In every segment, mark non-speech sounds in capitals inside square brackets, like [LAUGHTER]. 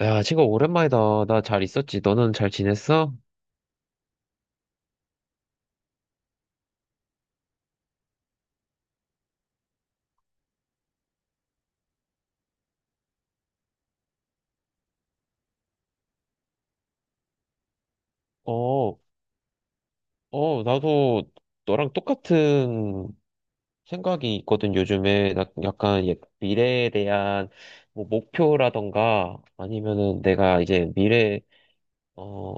야, 친구, 오랜만이다. 나 잘 있었지? 너는 잘 지냈어? 어, 나도 너랑 똑같은 생각이 있거든, 요즘에. 나 약간 미래에 대한 뭐 목표라던가 아니면은 내가 이제 어,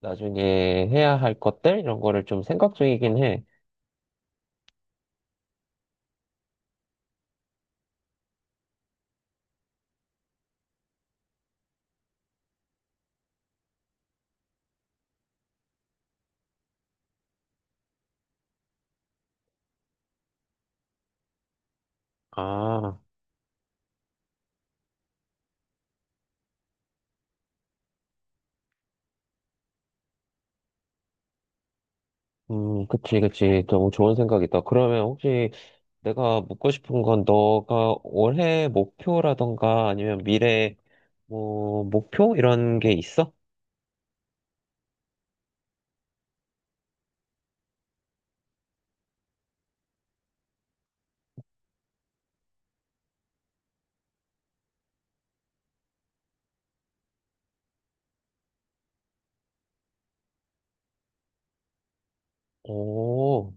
나중에 해야 할 것들? 이런 거를 좀 생각 중이긴 해. 아, 그치, 그치. 너무 좋은 생각이다. 그러면 혹시 내가 묻고 싶은 건 너가 올해 목표라던가 아니면 미래 뭐 목표 이런 게 있어? 오,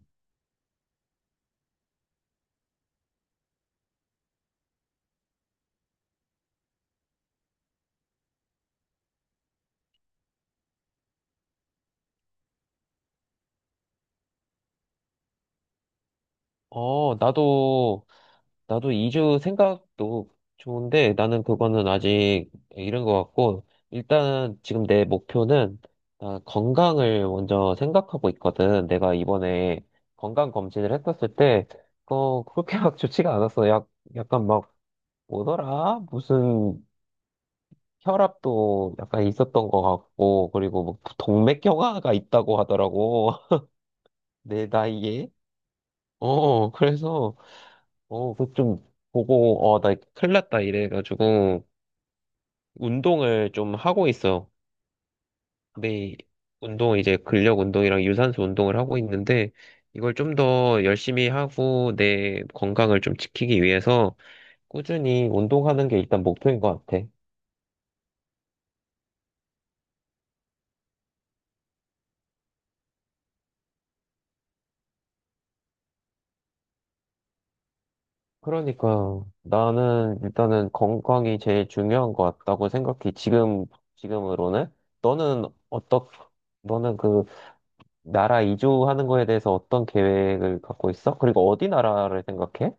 어, 나도 나도 이주 생각도 좋은데 나는 그거는 아직 이른 것 같고 일단 지금 내 목표는 나 건강을 먼저 생각하고 있거든. 내가 이번에 건강 검진을 했었을 때 그렇게 막 좋지가 않았어. 약 약간 막 뭐더라? 무슨 혈압도 약간 있었던 것 같고, 그리고 뭐 동맥경화가 있다고 하더라고. [LAUGHS] 내 나이에. 그래서, 그 좀 보고, 나 큰일 났다 이래가지고, 운동을 좀 하고 있어. 내 이제 근력 운동이랑 유산소 운동을 하고 있는데, 이걸 좀 더 열심히 하고, 내 건강을 좀 지키기 위해서, 꾸준히 운동하는 게 일단 목표인 것 같아. 그러니까 나는 일단은 건강이 제일 중요한 것 같다고 생각해. 지금, 지금으로는. 너는 어떻, 너는 그 나라 이주하는 거에 대해서 어떤 계획을 갖고 있어? 그리고 어디 나라를 생각해?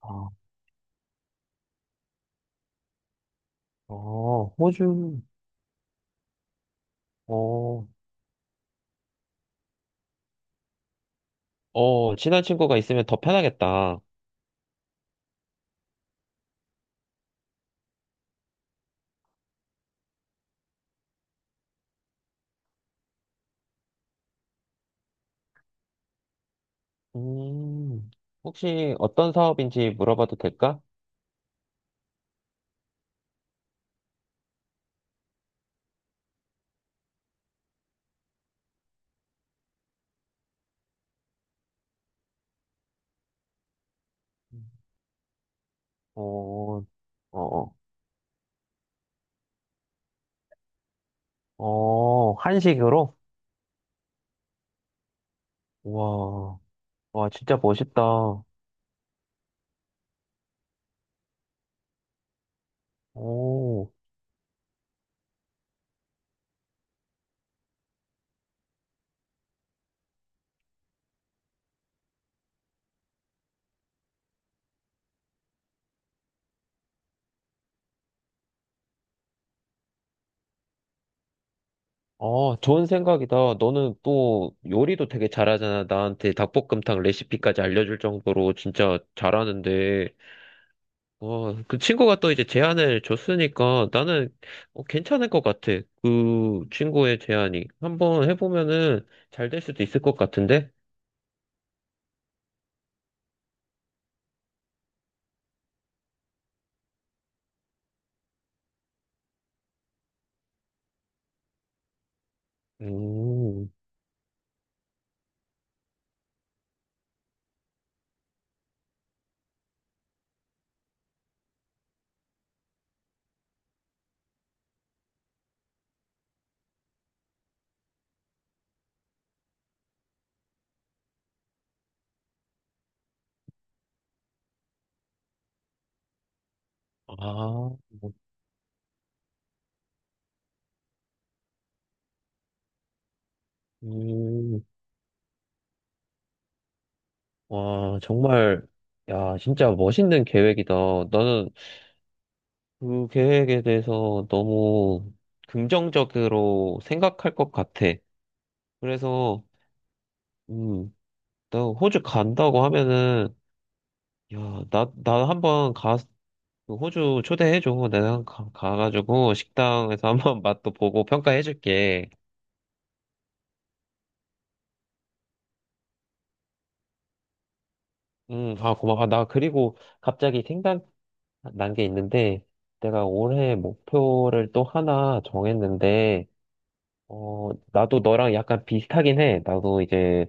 아, 호주. 어, 친한 친구가 있으면 더 편하겠다. 음, 혹시 어떤 사업인지 물어봐도 될까? 어, 어, 어, 어, 한식으로? 와, 와, 진짜 멋있다. 오, 아, 좋은 생각이다. 너는 또 요리도 되게 잘하잖아. 나한테 닭볶음탕 레시피까지 알려줄 정도로 진짜 잘하는데, 와, 그 친구가 또 이제 제안을 줬으니까 나는 괜찮을 것 같아. 그 친구의 제안이. 한번 해보면은 잘 될 수도 있을 것 같은데? 음, 아, 뭐, 음, 와, 정말, 야, 진짜 멋있는 계획이다. 나는 그 계획에 대해서 너무 긍정적으로 생각할 것 같아. 그래서, 음, 나 호주 간다고 하면은, 야, 나 그 호주 초대해줘. 내가 가가지고 식당에서 [LAUGHS] 한번 맛도 보고 평가해줄게. 아, 고마워. 아, 나 그리고 갑자기 생각난 게 있는데, 내가 올해 목표를 또 하나 정했는데, 나도 너랑 약간 비슷하긴 해. 나도 이제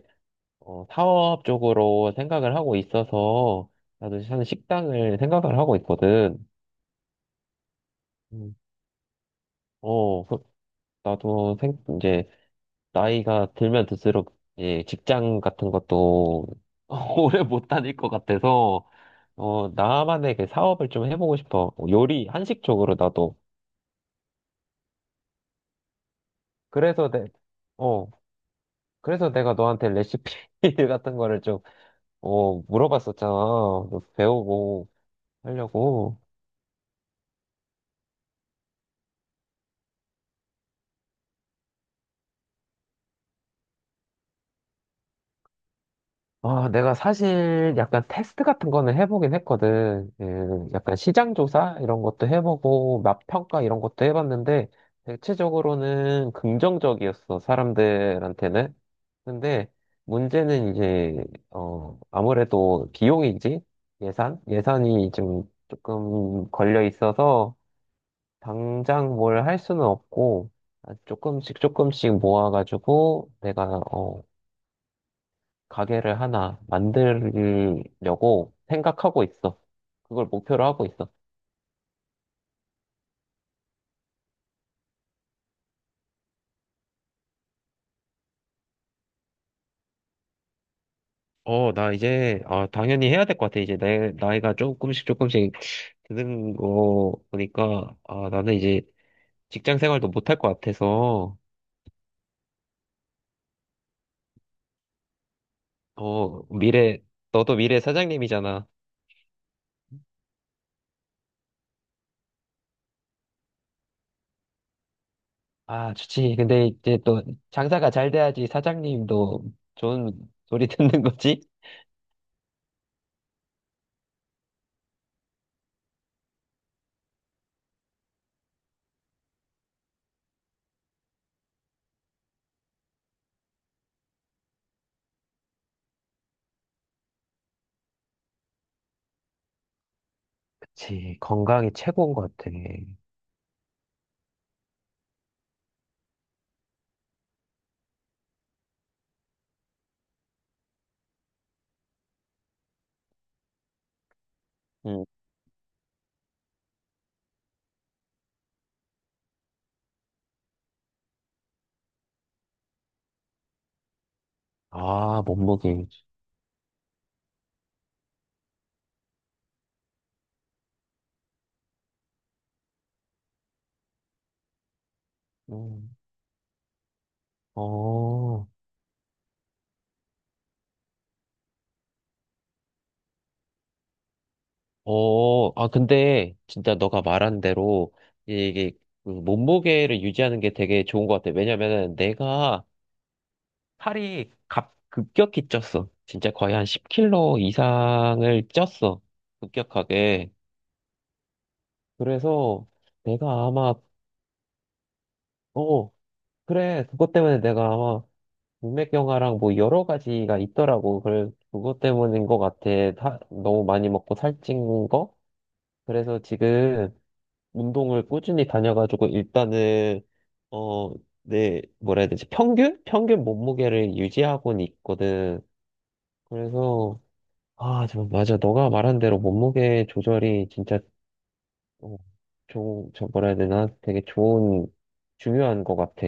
사업 쪽으로 생각을 하고 있어서 나도 사실 식당을 생각을 하고 있거든. 음. 어, 그- 나도 이제 나이가 들면 들수록 이제 직장 같은 것도 [LAUGHS] 오래 못 다닐 것 같아서 나만의 그 사업을 좀 해보고 싶어. 요리, 한식 쪽으로 나도. 그래서 내, 어, 그래서 내가 너한테 레시피 [LAUGHS] 같은 거를 좀, 물어봤었잖아. 배우고 하려고. 아, 내가 사실 약간 테스트 같은 거는 해보긴 했거든. 예, 약간 시장 조사 이런 것도 해보고 맛 평가 이런 것도 해봤는데 대체적으로는 긍정적이었어, 사람들한테는. 근데 문제는 이제 아무래도 비용이지. 예산이 좀 조금 걸려 있어서 당장 뭘 할 수는 없고, 아, 조금씩 조금씩 모아가지고 내가 가게를 하나 만들려고 생각하고 있어. 그걸 목표로 하고 있어. 아, 당연히 해야 될 것 같아. 이제 내 나이가 조금씩 조금씩 드는 거 보니까, 아, 나는 이제 직장 생활도 못할 것 같아서, 어, 미래, 너도 미래 사장님이잖아. 아, 좋지. 근데 이제 또 장사가 잘 돼야지 사장님도 좋은 소리 [LAUGHS] 듣는 거지? 그치. 건강이 최고인 것 같아. 응. 아, 몸무게. 음. 어, 아, 근데 진짜 너가 말한 대로 이게 그 몸무게를 유지하는 게 되게 좋은 것 같아. 왜냐면은 내가 살이 급격히 쪘어. 진짜 거의 한 10kg 이상을 쪘어. 급격하게. 그래서 내가 아마, 어, 그래. 그것 때문에 내가 아마 동맥경화랑 뭐 여러 가지가 있더라고. 그래, 그것 때문인 것 같아. 다, 너무 많이 먹고 살찐 거? 그래서 지금 운동을 꾸준히 다녀가지고 일단은 어, 내 뭐라 해야 되지? 평균? 평균 몸무게를 유지하고는 있거든. 그래서 아, 저 맞아. 너가 말한 대로 몸무게 조절이 진짜 어, 좋은 저 뭐라 해야 되나? 되게 좋은 중요한 것 같아.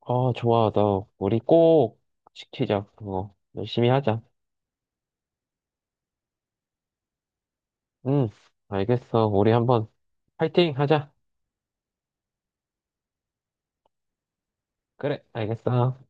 아, 좋아. 나 우리 꼭 지키자. 그거 열심히 하자. 응, 알겠어. 우리 한번 파이팅 하자. 그래, 알겠어.